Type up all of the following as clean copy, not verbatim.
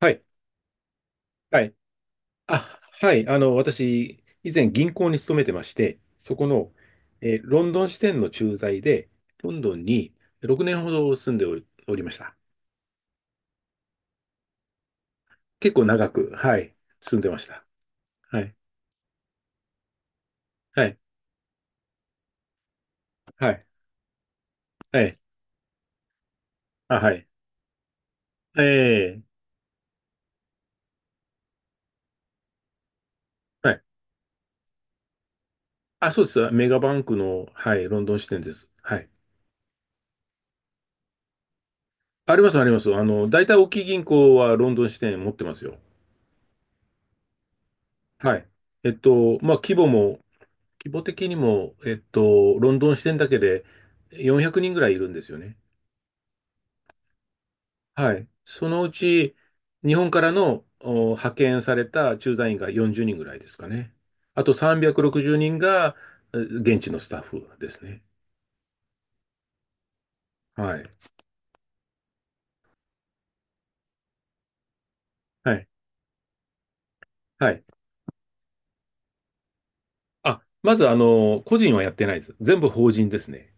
はい。はい。あ、はい。私、以前銀行に勤めてまして、そこの、ロンドン支店の駐在で、ロンドンに6年ほど住んでおりました。結構長く、はい、住んでました。はい。はい。はい。はい。あ、はい。ええ、はい。あ、そうです。メガバンクの、はい、ロンドン支店です。はい。あります、あります。大体大きい銀行はロンドン支店持ってますよ。はい。まあ、規模的にも、ロンドン支店だけで400人ぐらいいるんですよね。はい。そのうち、日本からのお派遣された駐在員が40人ぐらいですかね。あと360人が現地のスタッフですね。はい。はい。はい。あ、まず、個人はやってないです。全部法人ですね。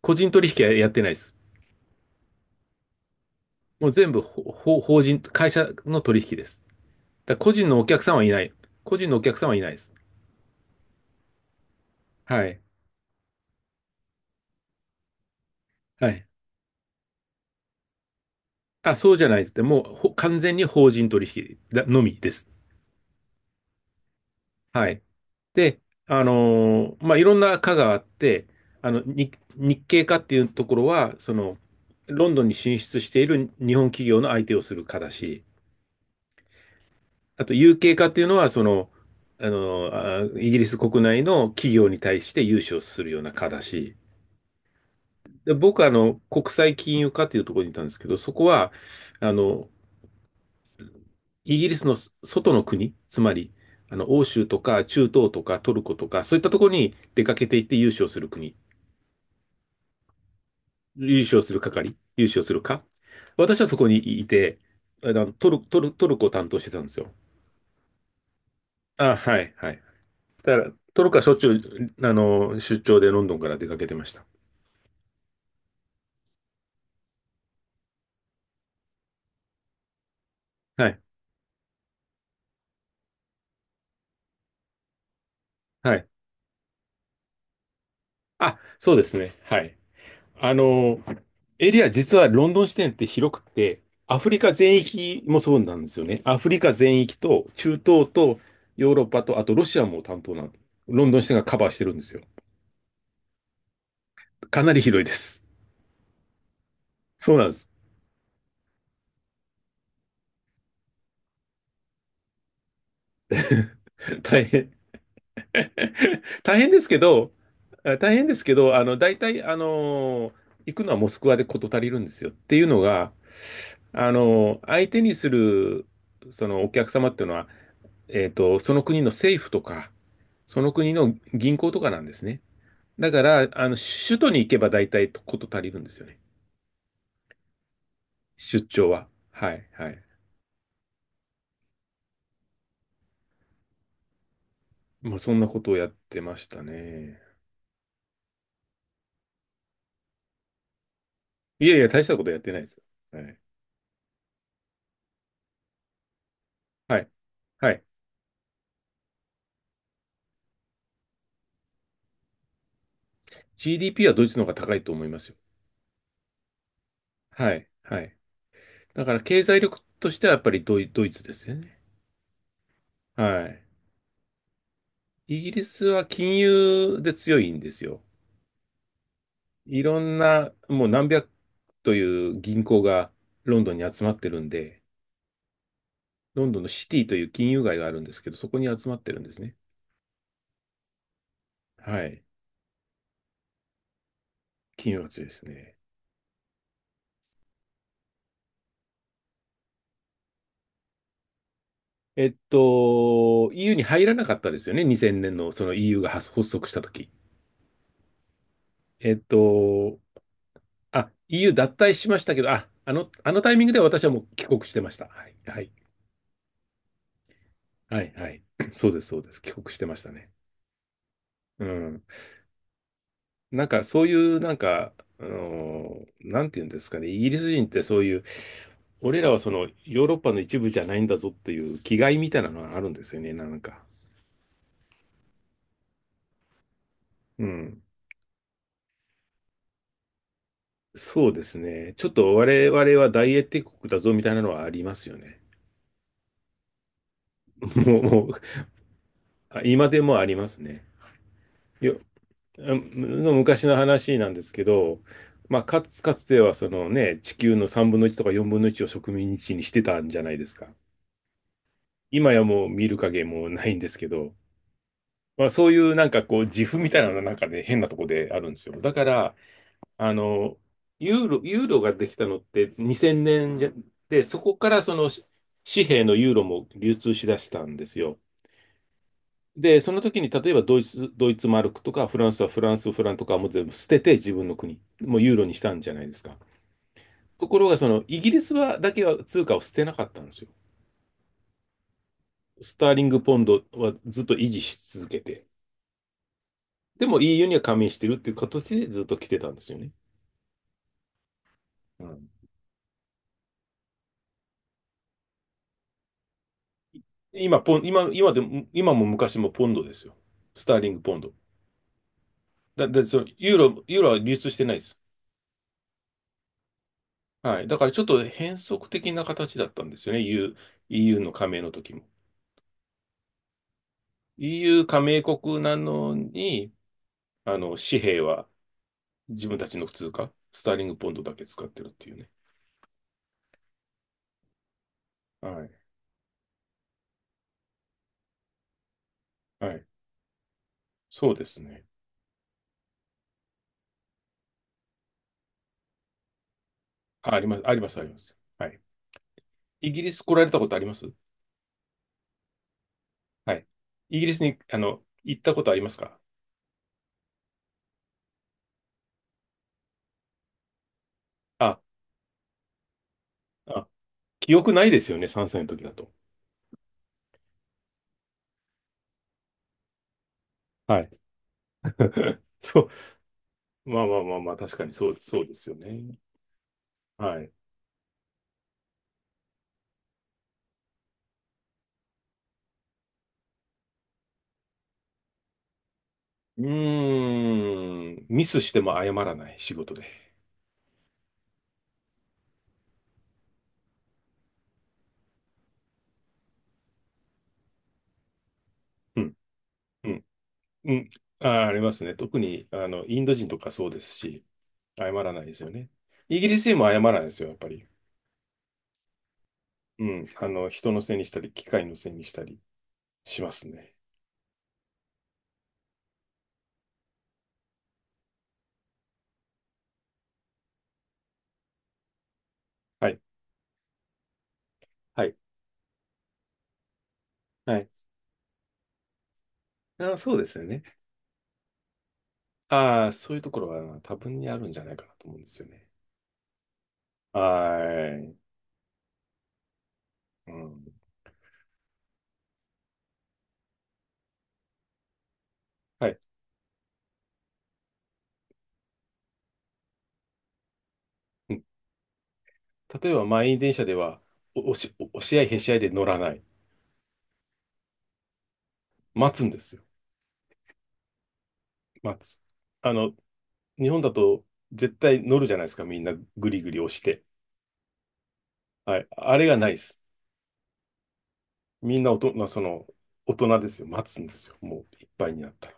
個人取引はやってないです。もう全部法人、会社の取引です。だから個人のお客さんはいない。個人のお客さんはいないです。はい。はい。あ、そうじゃないです。でもう完全に法人取引だのみです。はい。で、まあ、いろんな課があって、日系課っていうところは、ロンドンに進出している日本企業の相手をする課だし、あと、u 形課っていうのは、イギリス国内の企業に対して融資をするような課だし、で、僕は国際金融課っていうところにいたんですけど、そこは、あの、イギリスの外の国、つまり、欧州とか中東とかトルコとか、そういったところに出かけていって優勝する国、優勝する係、優勝するか。私はそこにいて、トルコを担当してたんですよ。あ、はい、はい。だから、トルコはしょっちゅう、出張でロンドンから出かけてました。はい、はい。あ、そうですね。はい。あの、エリア実はロンドン支店って広くて、アフリカ全域もそうなんですよね。アフリカ全域と中東とヨーロッパと、あとロシアも担当なの。ロンドン支店がカバーしてるんですよ。かなり広いです。そうなんです。大変。大変ですけど、大体、行くのはモスクワで事足りるんですよ。っていうのが、相手にする、そのお客様っていうのは、その国の政府とか、その国の銀行とかなんですね。だから、首都に行けば大体こと足りるんですよね。出張は。はい、はい。まあ、そんなことをやってましたね。いやいや、大したことやってないですよ。はい。はい。はい。GDP はドイツの方が高いと思いますよ。はい、はい。だから、経済力としてはやっぱりドイツですよね。はい。イギリスは金融で強いんですよ。いろんな、もう何百という銀行がロンドンに集まってるんで、ロンドンのシティという金融街があるんですけど、そこに集まってるんですね。はい。金融街ですね。EU に入らなかったですよね。2000年のその EU が発足した時えっと、あ、EU 脱退しましたけど、あ、あのタイミングで私はもう帰国してました。はい。はい。はい。はい。そうです、そうです。帰国してましたね。うん。なんかそういうなんか、なんていうんですかね、イギリス人ってそういう、俺らはそのヨーロッパの一部じゃないんだぞっていう気概みたいなのがあるんですよね、なんか。うん。そうですね。ちょっと我々は大英帝国だぞみたいなのはありますよね。もう、今でもありますね。よ、あの昔の話なんですけど、まあ、かつてはそのね、地球の3分の1とか4分の1を植民地にしてたんじゃないですか。今やもう見る影もないんですけど、まあ、そういうなんかこう、自負みたいなのがなんかね、変なとこであるんですよ。だから、あの、ユーロができたのって2000年で、そこからその紙幣のユーロも流通しだしたんですよ。で、その時に例えばドイツ、ドイツマルクとかフランスはフランスフランとかもう全部捨てて自分の国、もうユーロにしたんじゃないですか。ところがそのイギリスだけは通貨を捨てなかったんですよ。スターリングポンドはずっと維持し続けて、でも EU には加盟してるっていう形でずっと来てたんですよね。うん。今でも、今も昔もポンドですよ。スターリングポンド。だ、だ、その、ユーロ、ユーロは流通してないです。はい。だからちょっと変則的な形だったんですよね。EU、イーユーの加盟の時も。EU 加盟国なのに、紙幣は自分たちの普通貨、スターリングポンドだけ使ってるっていうね。はい。はい。そうですね。あ、あります、あります、あります。はい。イギリス来られたことあります？はい。イギリスに、行ったことありますか？あ、あ、記憶ないですよね、3歳の時だと。はい。そう。まあまあまあまあ、確かにそう、そうですよね。はい。うーん。ミスしても謝らない仕事で。うん。うん。うん。ありますね。特に、インド人とかそうですし、謝らないですよね。イギリス人も謝らないですよ、やっぱり。うん。人のせいにしたり、機械のせいにしたりしますね。はい。はい。はい。あ、そうですよね。ああ、そういうところは多分にあるんじゃないかなと思うんですよね。はーい。うん。はい。例えば満員電車では、お押し、押し合いへし合いで乗らない。待つんですよ。待つ。あの、日本だと絶対乗るじゃないですか、みんなぐりぐり押して。はい。あれがないです。みんな大人ですよ。待つんですよ。もういっぱいになったら。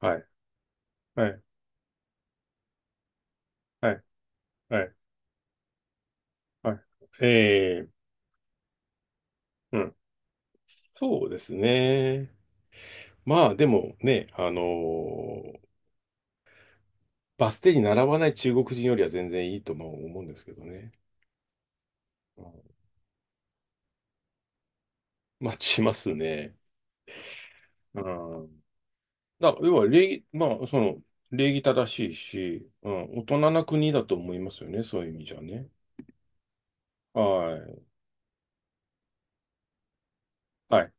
はい。はい。はい。はい。はい。うん。そうですね。まあ、でもね、バス停に並ばない中国人よりは全然いいとまあ思うんですけどね。うん、待ちますね。うん。だから、要は礼儀、まあ、礼儀正しいし、うん、大人な国だと思いますよね、そういう意味じゃね。はい、はい、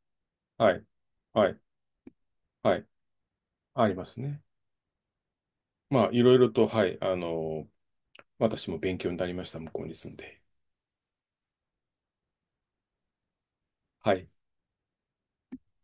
はい、はい、はい、ありますね。まあ、いろいろと、はい、私も勉強になりました、向こうに住んで。はい。